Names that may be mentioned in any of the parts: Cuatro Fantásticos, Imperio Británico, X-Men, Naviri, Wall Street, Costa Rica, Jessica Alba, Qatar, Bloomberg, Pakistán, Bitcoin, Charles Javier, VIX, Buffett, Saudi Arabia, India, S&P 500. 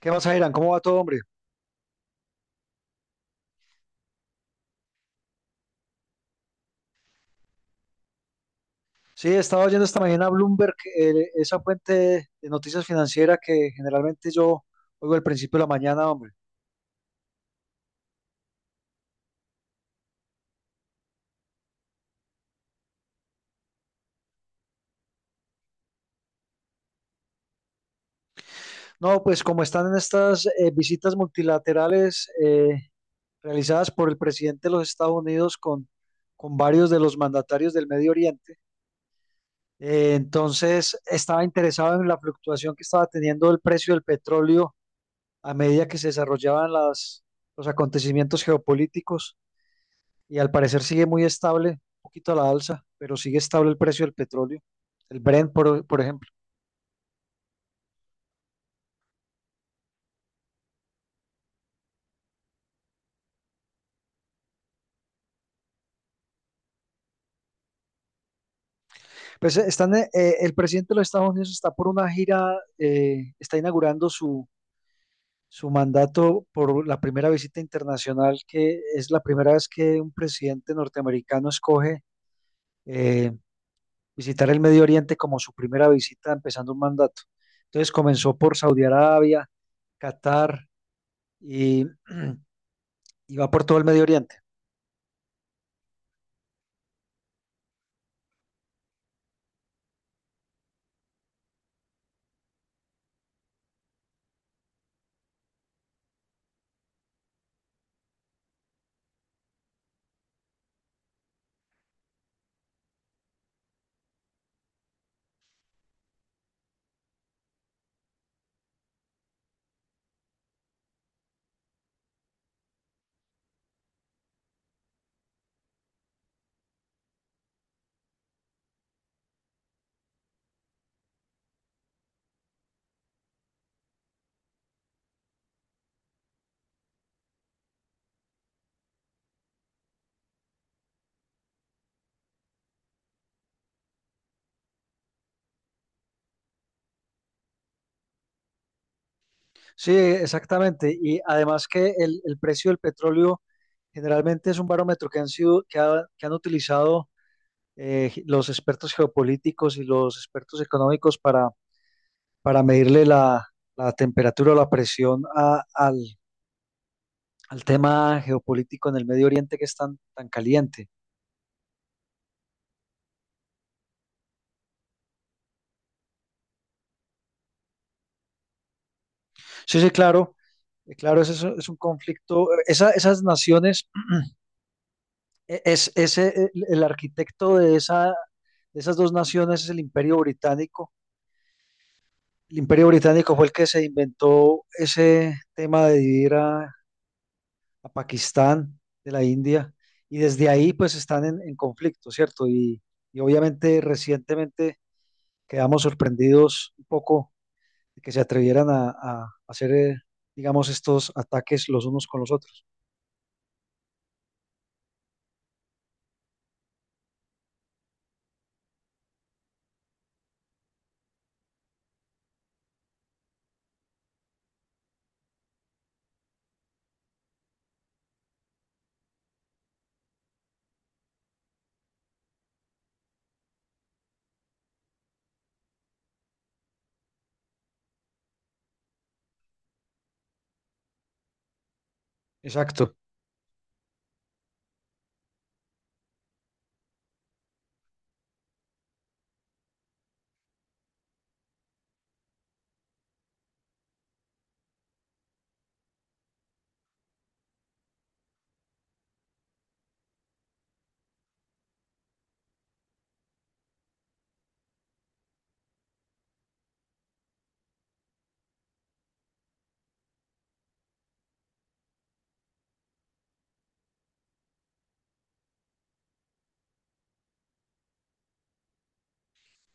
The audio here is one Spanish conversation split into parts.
¿Qué más, Irán? ¿Cómo va todo, hombre? Sí, estaba oyendo esta mañana Bloomberg, esa fuente de noticias financieras que generalmente yo oigo al principio de la mañana, hombre. No, pues como están en estas visitas multilaterales realizadas por el presidente de los Estados Unidos con varios de los mandatarios del Medio Oriente, entonces estaba interesado en la fluctuación que estaba teniendo el precio del petróleo a medida que se desarrollaban los acontecimientos geopolíticos, y al parecer sigue muy estable, un poquito a la alza, pero sigue estable el precio del petróleo, el Brent, por ejemplo. Pues el presidente de los Estados Unidos está por una gira, está inaugurando su mandato por la primera visita internacional, que es la primera vez que un presidente norteamericano escoge eh, visitar el Medio Oriente como su primera visita empezando un mandato. Entonces comenzó por Saudi Arabia, Qatar y y va por todo el Medio Oriente. Sí, exactamente. Y además que el precio del petróleo generalmente es un barómetro que han sido, que, que han utilizado los expertos geopolíticos y los expertos económicos para medirle la temperatura o la presión al tema geopolítico en el Medio Oriente que es tan, tan caliente. Sí, sí, claro. Claro, ese es un conflicto. Esas naciones, el arquitecto de, esa, de esas dos naciones es el Imperio Británico. El Imperio Británico fue el que se inventó ese tema de dividir a Pakistán de la India, y desde ahí pues están en conflicto, ¿cierto? Y obviamente recientemente quedamos sorprendidos un poco de que se atrevieran a hacer, digamos, estos ataques los unos con los otros. Exacto.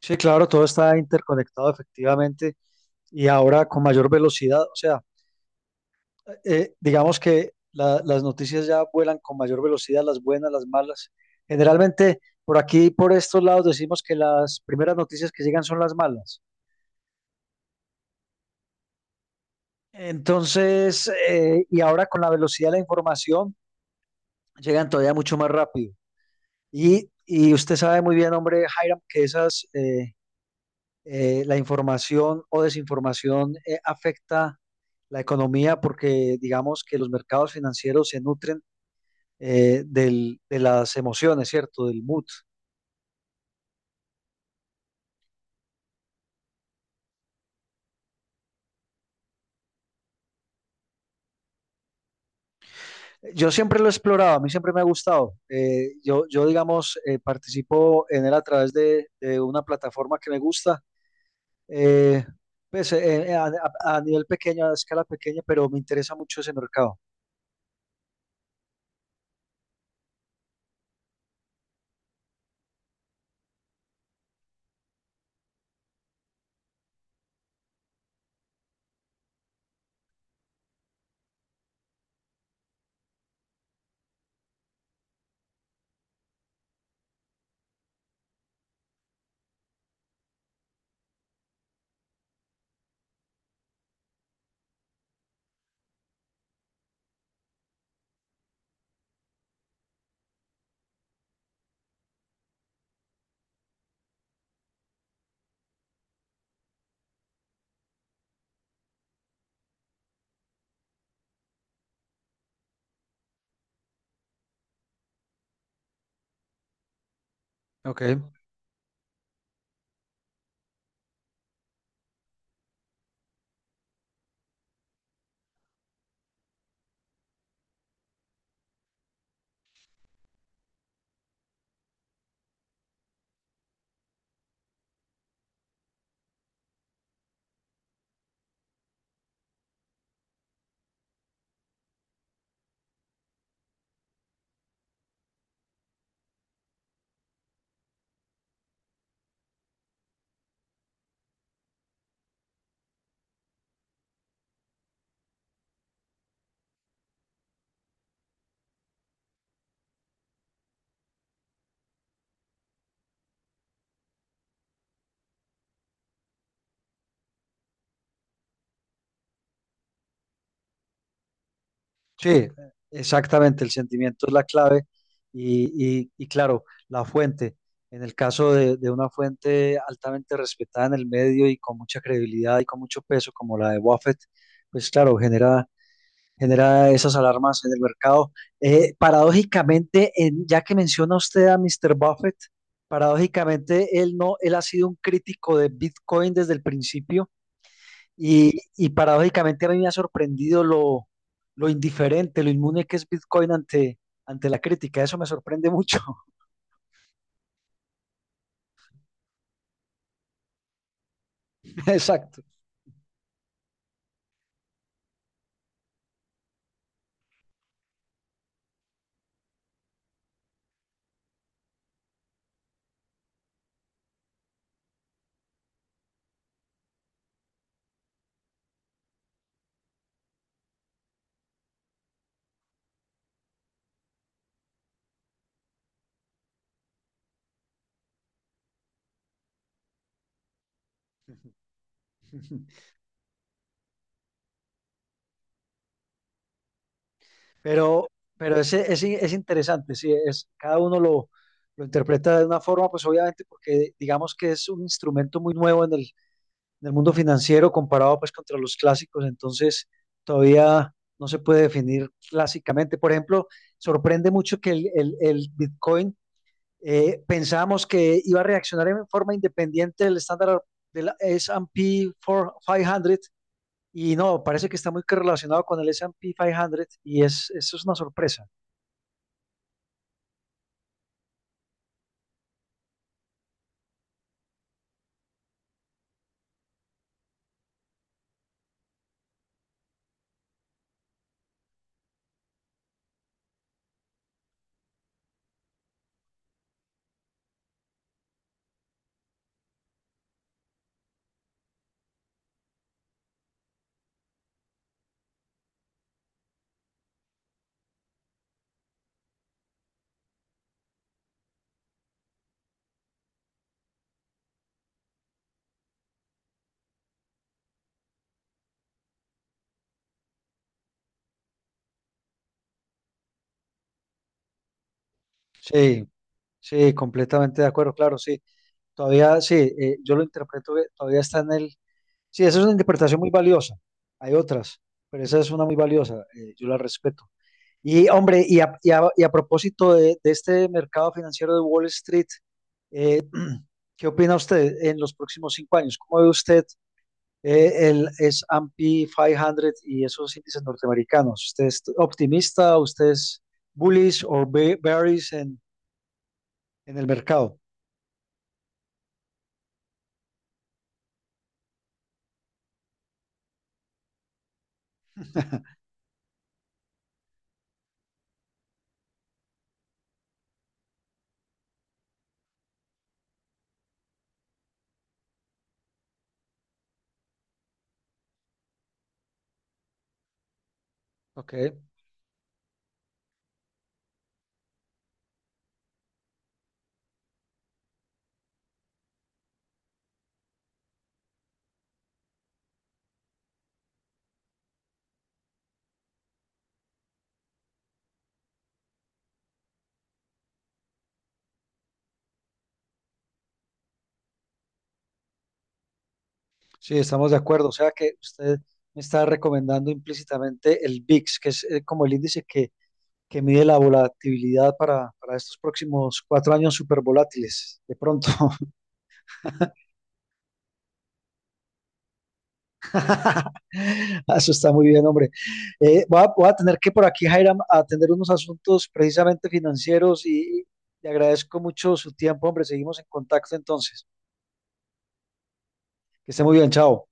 Sí, claro, todo está interconectado efectivamente y ahora con mayor velocidad. O sea, digamos que las noticias ya vuelan con mayor velocidad, las buenas, las malas. Generalmente por aquí, por estos lados, decimos que las primeras noticias que llegan son las malas. Entonces, y ahora con la velocidad de la información, llegan todavía mucho más rápido. Y usted sabe muy bien, hombre, Hiram, que esas, la información o desinformación afecta la economía, porque digamos que los mercados financieros se nutren de las emociones, ¿cierto? Del mood. Yo siempre lo he explorado, a mí siempre me ha gustado. Yo, digamos, participo en él a través de una plataforma que me gusta, eh, a nivel pequeño, a escala pequeña, pero me interesa mucho ese mercado. Ok. Sí, exactamente, el sentimiento es la clave y, y claro, la fuente. En el caso de una fuente altamente respetada en el medio y con mucha credibilidad y con mucho peso como la de Buffett, pues claro, genera, genera esas alarmas en el mercado. Paradójicamente, ya que menciona usted a Mr. Buffett, paradójicamente él no, él ha sido un crítico de Bitcoin desde el principio, y paradójicamente a mí me ha sorprendido lo indiferente, lo inmune que es Bitcoin ante, ante la crítica. Eso me sorprende mucho. Exacto. Pero, pero es interesante, sí, es, cada uno lo interpreta de una forma, pues obviamente porque digamos que es un instrumento muy nuevo en el mundo financiero comparado pues contra los clásicos, entonces todavía no se puede definir clásicamente. Por ejemplo, sorprende mucho que el Bitcoin, pensábamos que iba a reaccionar en forma independiente del estándar del S&P 500, y no, parece que está muy relacionado con el S&P 500, y es, eso es una sorpresa. Sí, sí, completamente de acuerdo, claro, sí. Todavía, sí, yo lo interpreto, que todavía está en el... Sí, esa es una interpretación muy valiosa. Hay otras, pero esa es una muy valiosa, yo la respeto. Y hombre, y y a propósito de este mercado financiero de Wall Street, eh, ¿qué opina usted en los próximos 5 años? ¿Cómo ve usted el S&P 500 y esos índices norteamericanos? ¿Usted es optimista? ¿Usted es bullish o bearish en el mercado? Ok, sí, estamos de acuerdo. O sea que usted me está recomendando implícitamente el VIX, que es como el índice que mide la volatilidad para estos próximos 4 años súper volátiles, de pronto. Eso está muy bien, hombre. Voy a, voy a tener que por aquí, Jairam, atender unos asuntos precisamente financieros, y le agradezco mucho su tiempo, hombre. Seguimos en contacto, entonces. Que esté muy bien, chao.